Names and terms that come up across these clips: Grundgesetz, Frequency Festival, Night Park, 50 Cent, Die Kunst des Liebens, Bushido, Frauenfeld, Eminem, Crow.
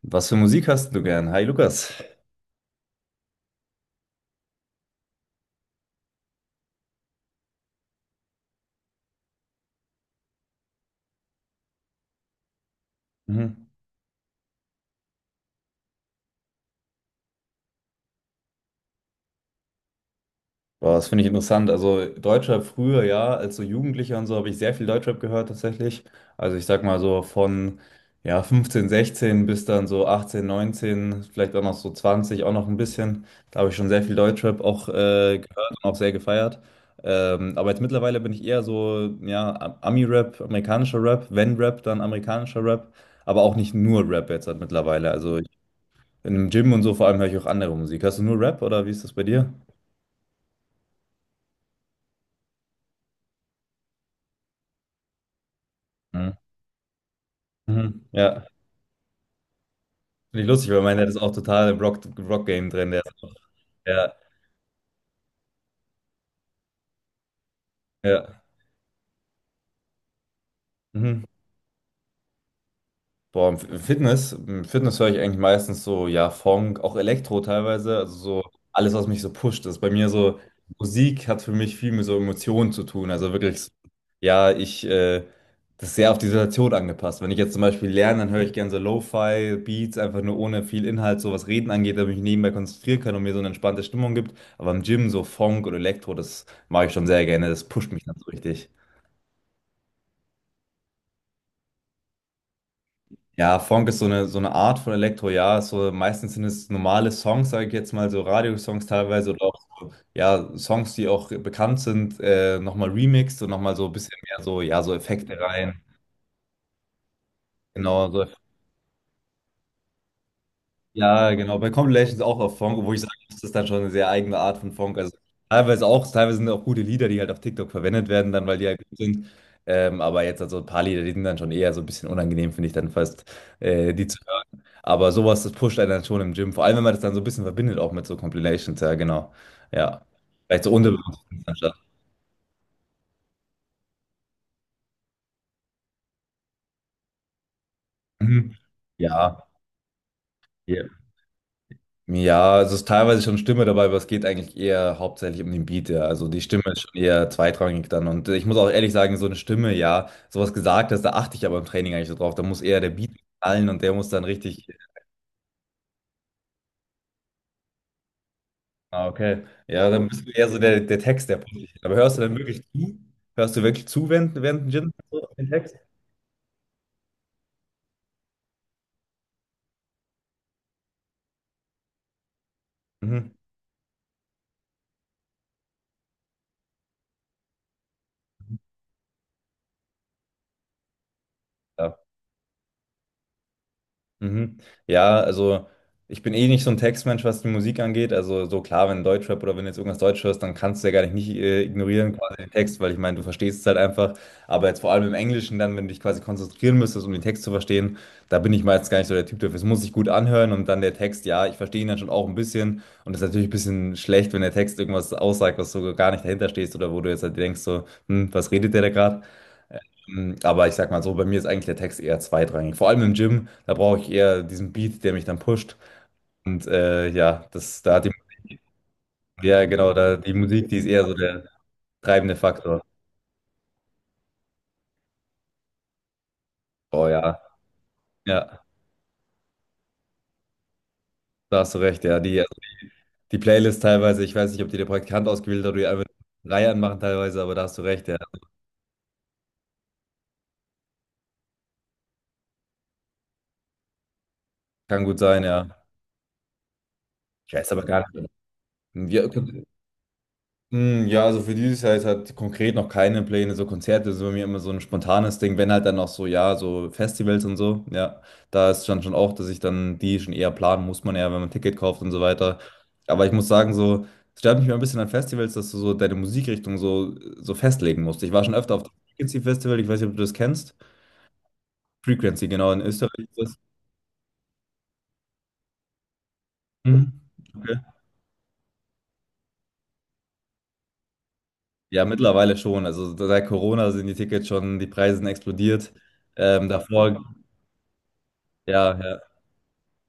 Was für Musik hast du gern? Hi Lukas. Mhm. Boah, das finde ich interessant. Also Deutschrap früher, ja, als so Jugendlicher und so habe ich sehr viel Deutschrap gehört tatsächlich. Also ich sag mal so von ja, 15, 16 bis dann so 18, 19, vielleicht auch noch so 20 auch noch ein bisschen. Da habe ich schon sehr viel Deutschrap auch gehört und auch sehr gefeiert. Aber jetzt mittlerweile bin ich eher so, ja, Ami-Rap, amerikanischer Rap, wenn Rap, dann amerikanischer Rap, aber auch nicht nur Rap jetzt halt mittlerweile. Also in Im Gym und so vor allem höre ich auch andere Musik. Hörst du nur Rap oder wie ist das bei dir? Mhm. Mhm. Ja, finde ich lustig, weil meiner ist auch total im Rock-Game drin. Der ist auch, ja, ja. Mhm. Boah, im Fitness höre ich eigentlich meistens so, ja, Funk, auch Elektro teilweise, also so alles, was mich so pusht. Das ist bei mir so, Musik hat für mich viel mit so Emotionen zu tun. Also wirklich, so, ja, das ist sehr auf die Situation angepasst. Wenn ich jetzt zum Beispiel lerne, dann höre ich gerne so Lo-Fi-Beats, einfach nur ohne viel Inhalt, so was Reden angeht, damit ich mich nebenbei konzentrieren kann und mir so eine entspannte Stimmung gibt. Aber im Gym so Funk oder Elektro, das mache ich schon sehr gerne, das pusht mich dann so richtig. Ja, Funk ist so eine Art von Elektro, ja. So, meistens sind es normale Songs, sage ich jetzt mal, so Radiosongs teilweise oder auch so, ja, Songs, die auch bekannt sind, nochmal remixed und nochmal so ein bisschen mehr so, ja, so Effekte rein. Genau, so Ja, genau. Bei Compilations auch auf Funk, obwohl ich sage, muss, das ist dann schon eine sehr eigene Art von Funk. Also teilweise sind auch gute Lieder, die halt auf TikTok verwendet werden, dann weil die halt gut sind. Aber jetzt also ein paar Lieder, die sind dann schon eher so ein bisschen unangenehm, finde ich dann fast, die zu hören. Aber sowas, das pusht einen dann schon im Gym. Vor allem, wenn man das dann so ein bisschen verbindet, auch mit so Compilations, ja, genau. Ja. Vielleicht so unterbewusst anstatt. Mhm. Ja. Ja. Ja, es ist teilweise schon Stimme dabei, aber es geht eigentlich eher hauptsächlich um den Beat, ja. Also die Stimme ist schon eher zweitrangig dann. Und ich muss auch ehrlich sagen, so eine Stimme, ja, sowas gesagt hast, da achte ich aber im Training eigentlich so drauf. Da muss eher der Beat knallen und der muss dann richtig. Ah, okay. Ja, dann bist du eher so der, der Text, der positiv. Aber hörst du dann wirklich zu? Hörst du wirklich zu während dem Gym so den Text? Mhm. Ja. Mhm. Ja, also ich bin eh nicht so ein Textmensch, was die Musik angeht. Also so klar, wenn Deutschrap oder wenn du jetzt irgendwas Deutsch hörst, dann kannst du ja gar nicht ignorieren Mhm. quasi den Text, weil ich meine, du verstehst es halt einfach. Aber jetzt vor allem im Englischen dann, wenn du dich quasi konzentrieren müsstest, um den Text zu verstehen, da bin ich meistens gar nicht so der Typ dafür. Es muss sich gut anhören und dann der Text, ja, ich verstehe ihn dann schon auch ein bisschen. Und es ist natürlich ein bisschen schlecht, wenn der Text irgendwas aussagt, was so gar nicht dahinter stehst oder wo du jetzt halt denkst so, hm, was redet der da gerade? Mm, aber ich sag mal so, bei mir ist eigentlich der Text eher zweitrangig. Vor allem im Gym, da brauche ich eher diesen Beat, der mich dann pusht. Und ja, das, da hat die, ja genau, da die Musik, die ist eher so der treibende Faktor. Oh ja, ja, da hast du recht, ja. Die, also, die Playlist teilweise, ich weiß nicht, ob die der Praktikant ausgewählt hat oder die einfach eine Reihe anmachen teilweise, aber da hast du recht, ja. Kann gut sein, ja. Ich weiß aber gar nicht. Ja, mm, ja, also für dieses Jahr ist halt konkret noch keine Pläne, so Konzerte sind bei mir immer so ein spontanes Ding, wenn halt dann noch so, ja, so Festivals und so, ja, da ist dann schon auch, dass ich dann die schon eher planen muss man ja, wenn man ein Ticket kauft und so weiter, aber ich muss sagen, so, es stört mich mal ein bisschen an Festivals, dass du so deine Musikrichtung so, so festlegen musst. Ich war schon öfter auf dem Frequency Festival, ich weiß nicht, ob du das kennst, Frequency, genau, in Österreich ist das. Mhm. Okay. Ja, mittlerweile schon, also seit Corona sind die Tickets schon, die Preise sind explodiert, davor... Ja, ja.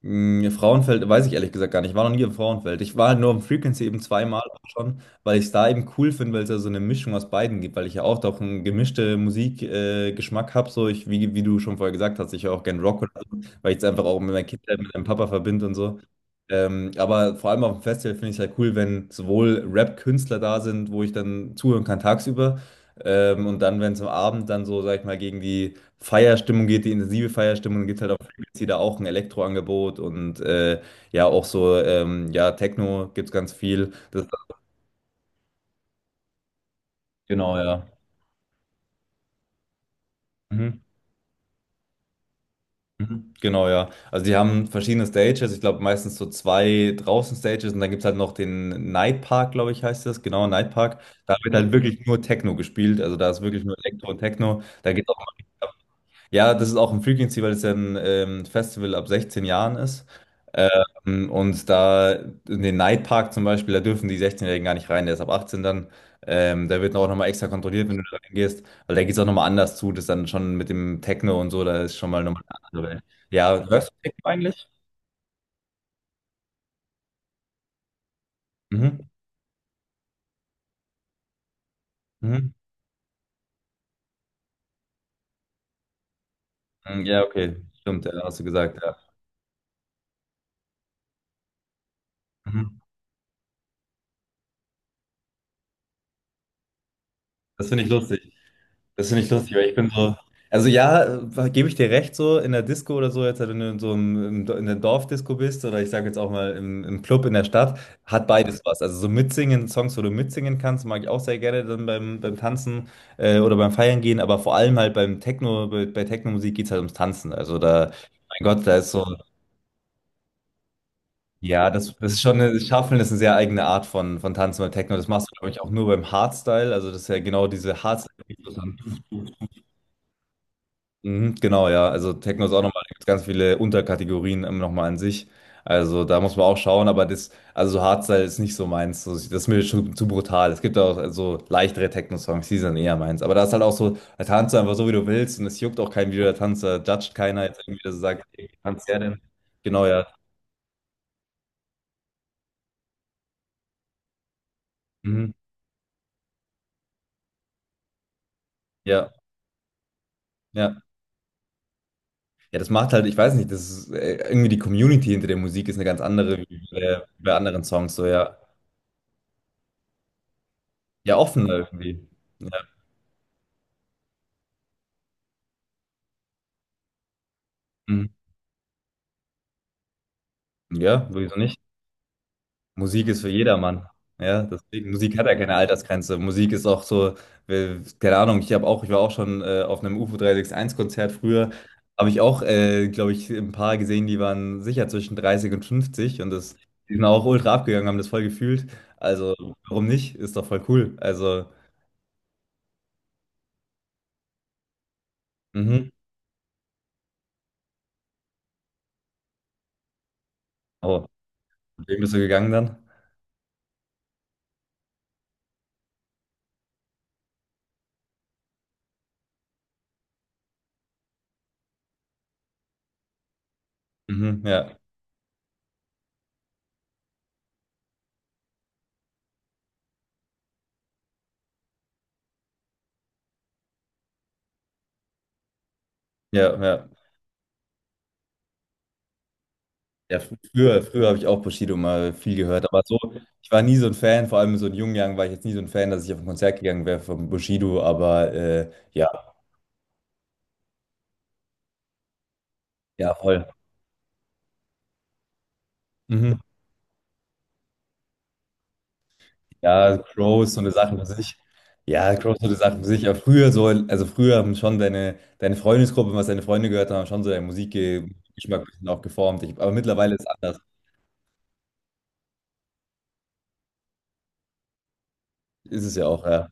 Hm, ja, Frauenfeld weiß ich ehrlich gesagt gar nicht. Ich war noch nie im Frauenfeld. Ich war halt nur im Frequency eben zweimal auch schon, weil ich es da eben cool finde, weil es ja so eine Mischung aus beiden gibt, weil ich ja auch doch einen gemischten Musikgeschmack Geschmack habe. So ich, wie du schon vorher gesagt hast, ich höre auch gerne Rock oder so, weil ich es einfach auch mit meiner Kindheit, mit meinem Papa verbinde und so. Aber vor allem auf dem Festival finde ich es halt cool, wenn sowohl Rap-Künstler da sind, wo ich dann zuhören kann tagsüber. Und dann, wenn es am Abend dann so, sag ich mal, gegen die Feierstimmung geht, die intensive Feierstimmung, dann geht es halt auch sie da auch ein Elektroangebot und ja, auch so, ja, Techno gibt es ganz viel. Das, genau, ja. Mhm. Mhm. Genau, ja. Also die haben verschiedene Stages, ich glaube meistens so zwei draußen Stages und dann gibt es halt noch den Night Park, glaube ich, heißt das. Genau, Night Park. Da wird halt wirklich nur Techno gespielt. Also da ist wirklich nur Elektro und Techno. Da geht auch ja, das ist auch ein Frequency, weil es ja ein Festival ab 16 Jahren ist. Und da in den Nightpark zum Beispiel, da dürfen die 16-Jährigen gar nicht rein, der ist ab 18 dann. Da wird auch nochmal extra kontrolliert, wenn du da reingehst, weil da geht es auch nochmal anders zu, das dann schon mit dem Techno und so, da ist schon mal nochmal eine andere Welt. Ja, hörst du Techno eigentlich? Mhm. Mhm. Mhm. Ja, okay, stimmt, ja, hast du gesagt, ja. Mhm. Das finde ich lustig. Das finde ich lustig, weil ich bin so. Also ja, gebe ich dir recht, so in der Disco oder so, jetzt wenn du in so einem, im in der Dorfdisco bist oder ich sage jetzt auch mal im, im Club in der Stadt, hat beides was. Also so mitsingen, Songs, wo du mitsingen kannst, mag ich auch sehr gerne dann beim, beim Tanzen oder beim Feiern gehen, aber vor allem halt beim Techno, bei Techno-Musik geht es halt ums Tanzen. Also da, mein Gott, da ist so, ja, das, das ist schon, eine, das Shufflen ist eine sehr eigene Art von Tanzen beim Techno. Das machst du, glaube ich, auch nur beim Hardstyle. Also das ist ja genau diese Hardstyle. Mhm, genau, ja. Also Techno ist auch nochmal, da gibt's ganz viele Unterkategorien nochmal an sich. Also da muss man auch schauen, aber das, also so Hardstyle ist nicht so meins. So, das ist mir schon zu brutal. Es gibt auch so leichtere Techno-Songs, die sind eher meins. Aber da ist halt auch so, da tanzt du einfach so, wie du willst und es juckt auch kein video du da tanzt, da judgt keiner jetzt irgendwie, dass er sagt, hey, wie tanzt der denn? Genau, ja. Mhm. Ja, ja. Ja, das macht halt, ich weiß nicht, das ist irgendwie die Community hinter der Musik ist eine ganz andere wie bei, bei anderen Songs, so ja. Ja, offener irgendwie. Ja. Mhm. Ja, wieso nicht? Musik ist für jedermann. Ja, deswegen, Musik hat ja keine Altersgrenze. Musik ist auch so, keine Ahnung, ich habe auch, ich war auch schon auf einem U UFO 361-Konzert früher, habe ich auch, glaube ich, ein paar gesehen, die waren sicher zwischen 30 und 50 und das, die sind auch ultra abgegangen, haben das voll gefühlt. Also, warum nicht? Ist doch voll cool. Also, mhm. Oh, mit wem bist du gegangen dann? Mhm, ja, ja, ja. Ja, früher habe ich auch Bushido mal viel gehört, aber so, ich war nie so ein Fan, vor allem so in jungen Jahren war ich jetzt nie so ein Fan, dass ich auf ein Konzert gegangen wäre von Bushido, aber ja, ja, voll. Mhm. Ja, Crow ist so eine Sache für sich. Ja, Crow ist so eine Sache für sich, aber früher so, also früher haben schon deine, deine Freundesgruppe, was deine Freunde gehört haben, haben schon so deinen Musikgeschmack ein bisschen auch geformt. Ich, aber mittlerweile ist es anders. Ist es ja auch, ja.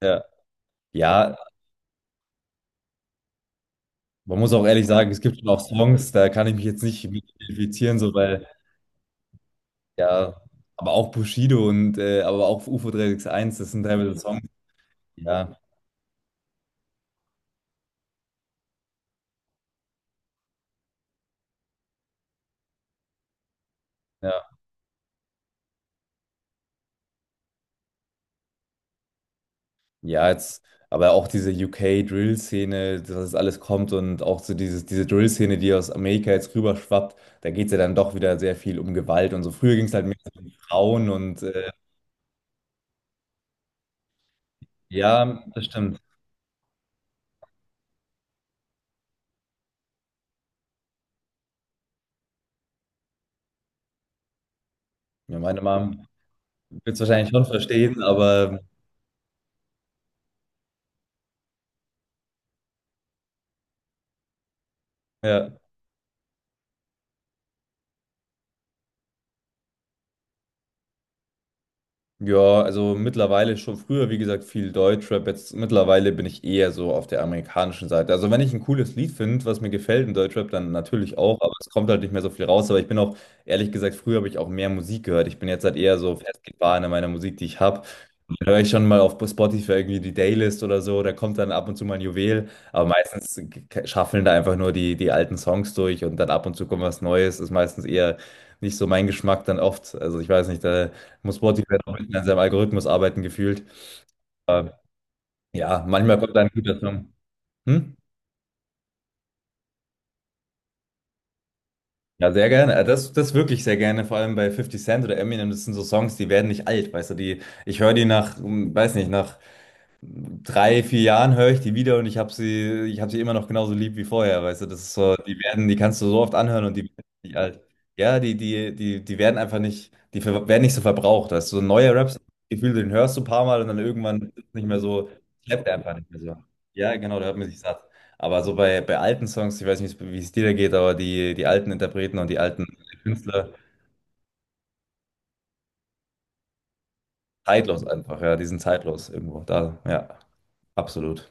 Ja, ja, man muss auch ehrlich sagen, es gibt schon auch Songs, da kann ich mich jetzt nicht mit identifizieren, so, weil ja, aber auch Bushido und aber auch UFO 361, das sind teilweise Songs. Ja, ja. Ja, jetzt, aber auch diese UK-Drill-Szene, dass das alles kommt und auch so dieses, diese Drill-Szene, die aus Amerika jetzt rüberschwappt, da geht es ja dann doch wieder sehr viel um Gewalt und so. Früher ging es halt mehr um Frauen und ja, das stimmt. Ja, meine Mom wird es wahrscheinlich schon verstehen, aber ja. Ja, also mittlerweile schon früher, wie gesagt, viel Deutschrap. Jetzt mittlerweile bin ich eher so auf der amerikanischen Seite. Also wenn ich ein cooles Lied finde, was mir gefällt in Deutschrap, dann natürlich auch, aber es kommt halt nicht mehr so viel raus. Aber ich bin auch, ehrlich gesagt, früher habe ich auch mehr Musik gehört. Ich bin jetzt halt eher so festgefahren in meiner Musik, die ich habe. Da höre ich schon mal auf Spotify irgendwie die Daylist oder so, da kommt dann ab und zu mal ein Juwel, aber meistens schaffeln da einfach nur die, die alten Songs durch und dann ab und zu kommt was Neues, ist meistens eher nicht so mein Geschmack dann oft. Also ich weiß nicht, da muss Spotify noch ein bisschen an seinem Algorithmus arbeiten gefühlt. Aber ja, manchmal kommt da ein guter Song. Hm? Ja, sehr gerne. Das wirklich sehr gerne, vor allem bei 50 Cent oder Eminem, das sind so Songs, die werden nicht alt, weißt du, die, ich höre die nach, weiß nicht, nach drei, vier Jahren höre ich die wieder und ich habe sie, immer noch genauso lieb wie vorher, weißt du, das ist so, die werden, die kannst du so oft anhören und die werden nicht alt. Ja, die werden einfach nicht, werden nicht so verbraucht, weißt du, so neue Raps, Gefühl, den hörst du ein paar Mal und dann irgendwann ist es nicht mehr so, klappt einfach nicht mehr so. Ja, genau, da hört man sich satt. Aber so bei, bei alten Songs, ich weiß nicht, wie es dir da geht, aber die, die alten Interpreten und die alten Künstler, zeitlos einfach, ja, die sind zeitlos irgendwo da, ja, absolut.